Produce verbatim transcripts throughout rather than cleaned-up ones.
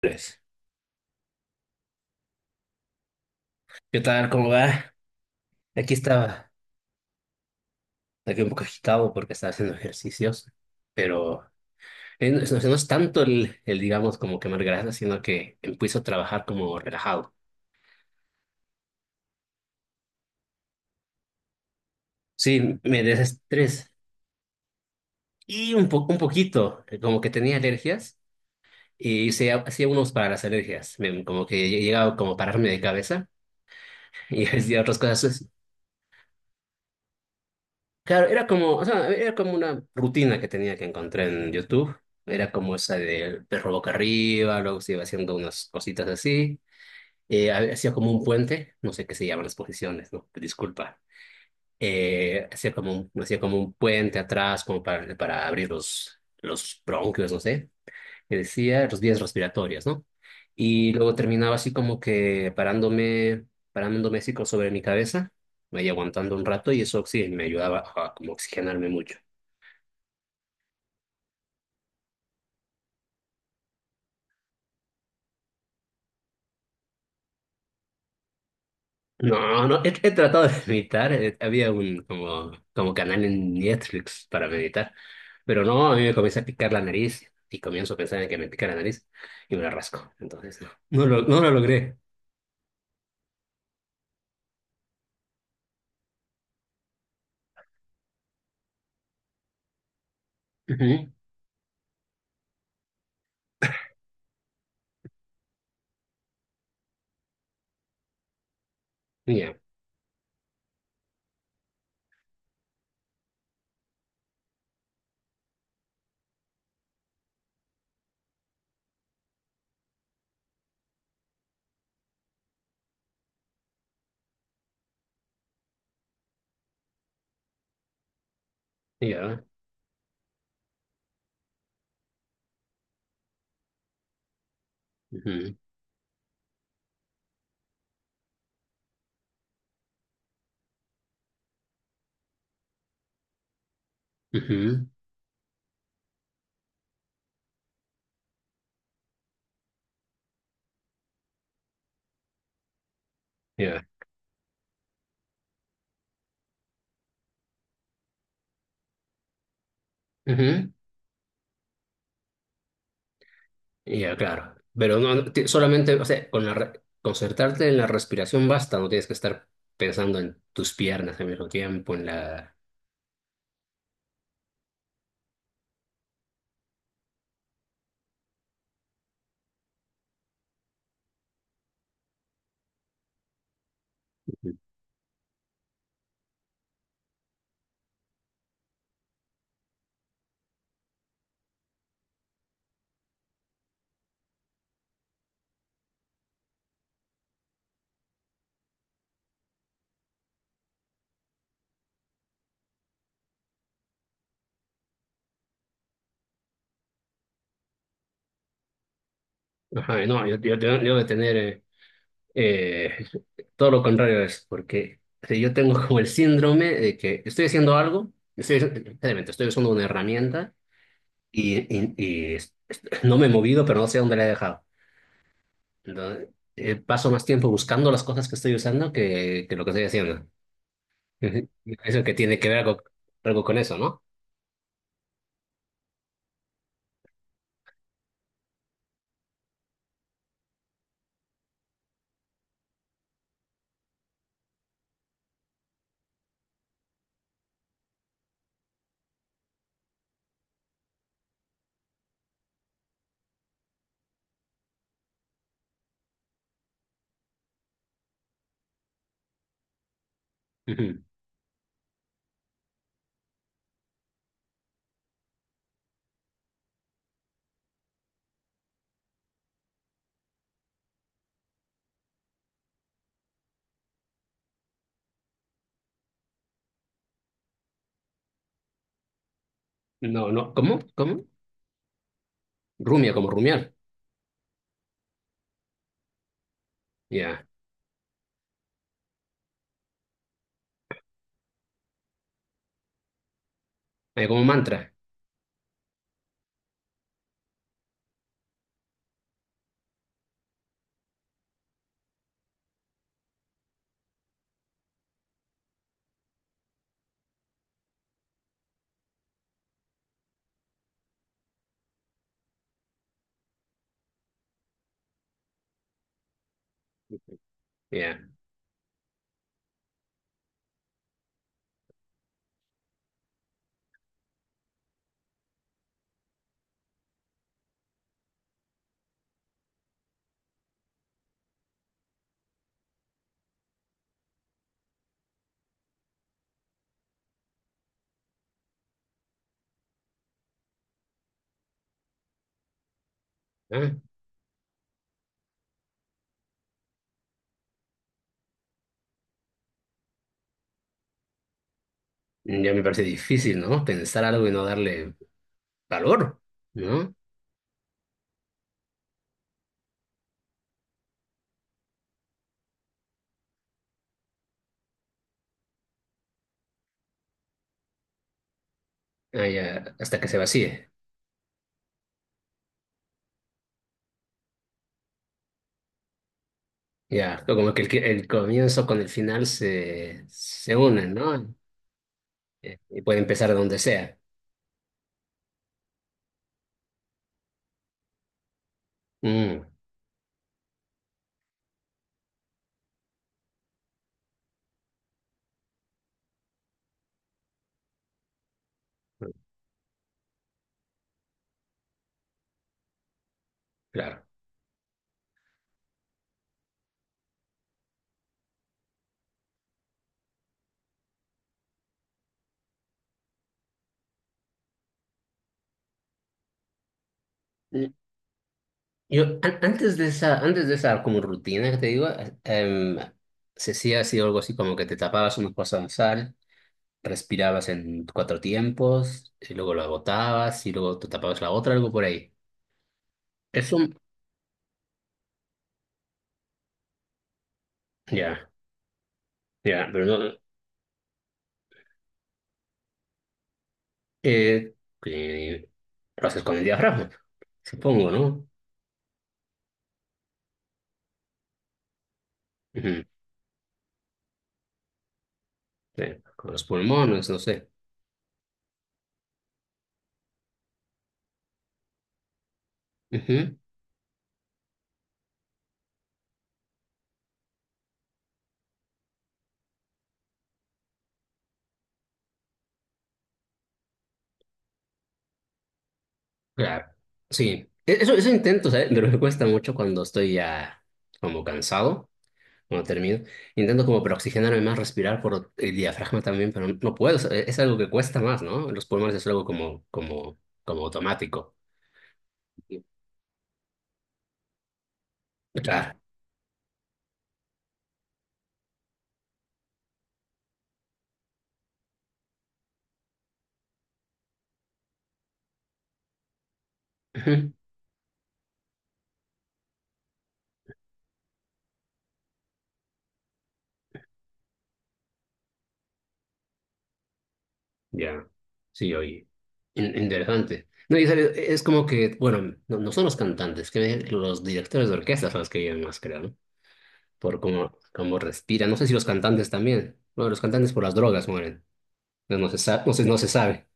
Pues, ¿qué tal? ¿Cómo va? Aquí estaba, aquí un poco agitado porque estaba haciendo ejercicios, pero eh, no, es no es tanto el, el, digamos, como quemar grasa, sino que empiezo a trabajar como relajado. Sí, me desestrés y un poco, un poquito, eh, como que tenía alergias y hice- hacía unos para las alergias. Me- como que llegaba como a pararme de cabeza y hacía otras cosas. Claro, era como, o sea, era como una rutina que tenía que encontrar en YouTube. Era como esa del perro boca arriba, luego se iba haciendo unas cositas así. Eh, ha- hacía como un puente, no sé qué se llaman las posiciones, ¿no? Disculpa. Eh, hacía como un, hacía como un puente atrás, como para, para abrir los, los bronquios, no sé. Que decía los vías respiratorias, ¿no? Y luego terminaba así como que parándome, parándome así como sobre mi cabeza, me iba aguantando un rato y eso sí me ayudaba a como oxigenarme mucho. No, no, he, he tratado de meditar. eh, Había un como, como canal en Netflix para meditar, pero no, a mí me comienza a picar la nariz y comienzo a pensar en que me pica la nariz y me la rasco. Entonces, no, no lo, no lo logré. Ujú, ya, ya, ujú, ujú, ya, ujú, ya, claro. Pero no, ti- solamente, o sea, con la, re- concentrarte en la respiración basta, no tienes que estar pensando en tus piernas al mismo tiempo, en la... Ujú. Ajá, no, yo, yo, yo debo de tener... eh, Eh, todo lo contrario es porque o sea, yo tengo como el síndrome de que estoy haciendo algo, estoy, realmente estoy usando una herramienta y, y- y es- es- no me he movido, pero no sé dónde la he dejado. Entonces, eh, paso más tiempo buscando las cosas que estoy usando que, que lo que estoy haciendo. Ujú. Eso que tiene que ver algo, algo con eso, ¿no? Ujú. No, no, ¿cómo? ¿Cómo? Rumia, como rumiar. Ya. Eh, Como mantra. Ya. Ah, ya me parece difícil, ¿no? Pensar algo y no darle valor, ¿no? Ah, ya, hasta que se vacíe. Ya, como que el, el comienzo con el final se, se unen, ¿no? Eh, Y puede empezar donde sea. Mm, claro. Mm, yo, an- antes de esa, antes de esa como rutina que te digo, em, se hacía así algo así como que te tapabas unos cosas de sal, respirabas en cuatro tiempos, y luego lo agotabas, y luego te tapabas la otra, algo por ahí. Eso, ya, ya, pero no. Eh, eh, lo haces con el diafragma, supongo, ¿no? Ujú, sí, con los pulmones, no sé. Ujú, claro, sí. E- Eso, eso intento, ¿sabes? Pero me cuesta mucho cuando estoy ya como cansado, cuando termino. Intento como para oxigenarme más, respirar por el diafragma también, pero no puedo. O sea, e-, es algo que cuesta más, ¿no? Los pulmones es algo como, como, como automático. Sí. Claro. Ujú. Ya, sí, oye, in- interesante. No, y sale- es como que, bueno, no, no son los cantantes, que los directores de orquesta son los que llevan más, creo, ¿no? Por cómo, cómo respiran. No sé si los cantantes también. Bueno, los cantantes por las drogas mueren. No, no se sabe, no se, no se sabe.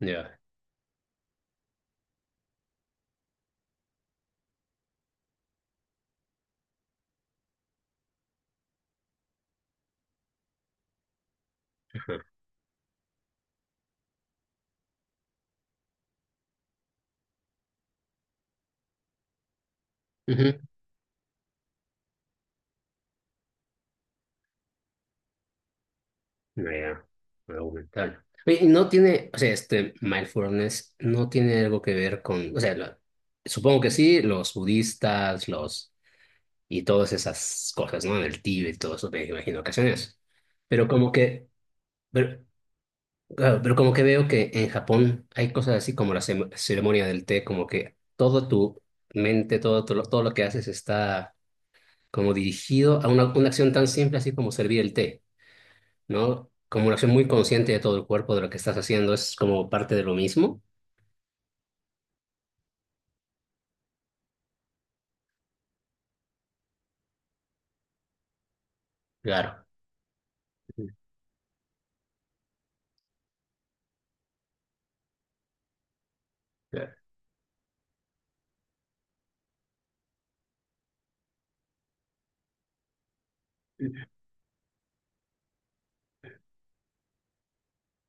Ya. Ajá. Ujú. No, ya, argumental. Oye, y no tiene, o sea, este mindfulness no tiene algo que ver con, o sea, la- supongo que sí, los budistas, los y todas esas cosas, ¿no? En el Tíbet, todo eso me imagino ocasiones. Pero como que, pero, claro, pero como que veo que en Japón hay cosas así como la cem- ceremonia del té, como que todo tu mente, todo, todo, lo todo lo que haces está como dirigido a una, una acción tan simple así como servir el té, ¿no? Como una acción muy consciente de todo el cuerpo, de lo que estás haciendo, es como parte de lo mismo. Claro, claro,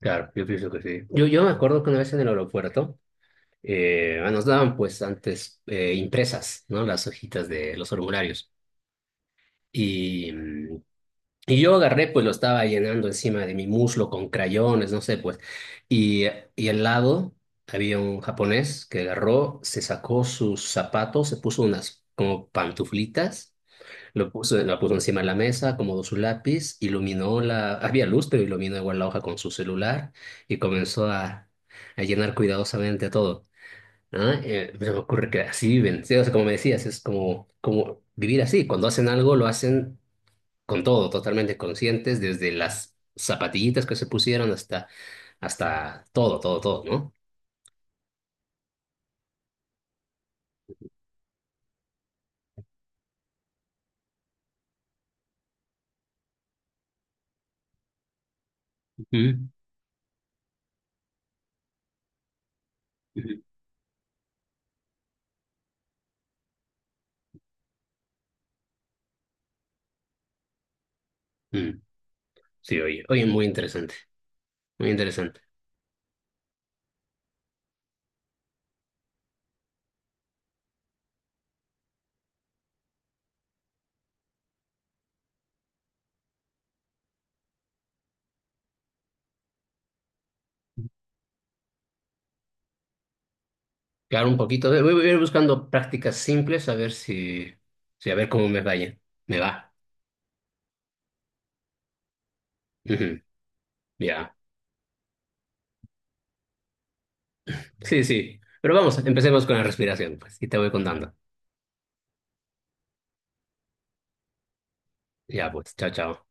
claro, yo pienso que sí. Yo, yo me acuerdo que una vez en el aeropuerto, eh, ah, nos daban pues antes eh, impresas, ¿no? Las hojitas de los formularios. Y, mm, y yo agarré, pues lo estaba llenando encima de mi muslo con crayones, no sé, pues. Y, y al lado había un japonés que agarró, se sacó sus zapatos, se puso unas como pantuflitas. Lo puso, la puso encima de la mesa, acomodó su lápiz, iluminó la... Había luz, pero iluminó igual la hoja con su celular y comenzó a, a llenar cuidadosamente todo. ¿No? Eh, se me ocurre que así viven, sí, o sea, como me decías, es como, como vivir así, cuando hacen algo lo hacen con todo, totalmente conscientes, desde las zapatillitas que se pusieron hasta, hasta todo, todo, todo, ¿no? Ujú, ujú. Mm, sí, oye, oye, muy interesante, muy interesante. Claro, un poquito, voy, voy a ir buscando prácticas simples a ver si, si a ver cómo me vaya, me va. Ujú, ya, sí, sí, pero vamos, empecemos con la respiración, pues, y te voy contando. Ya, pues, chao, chao.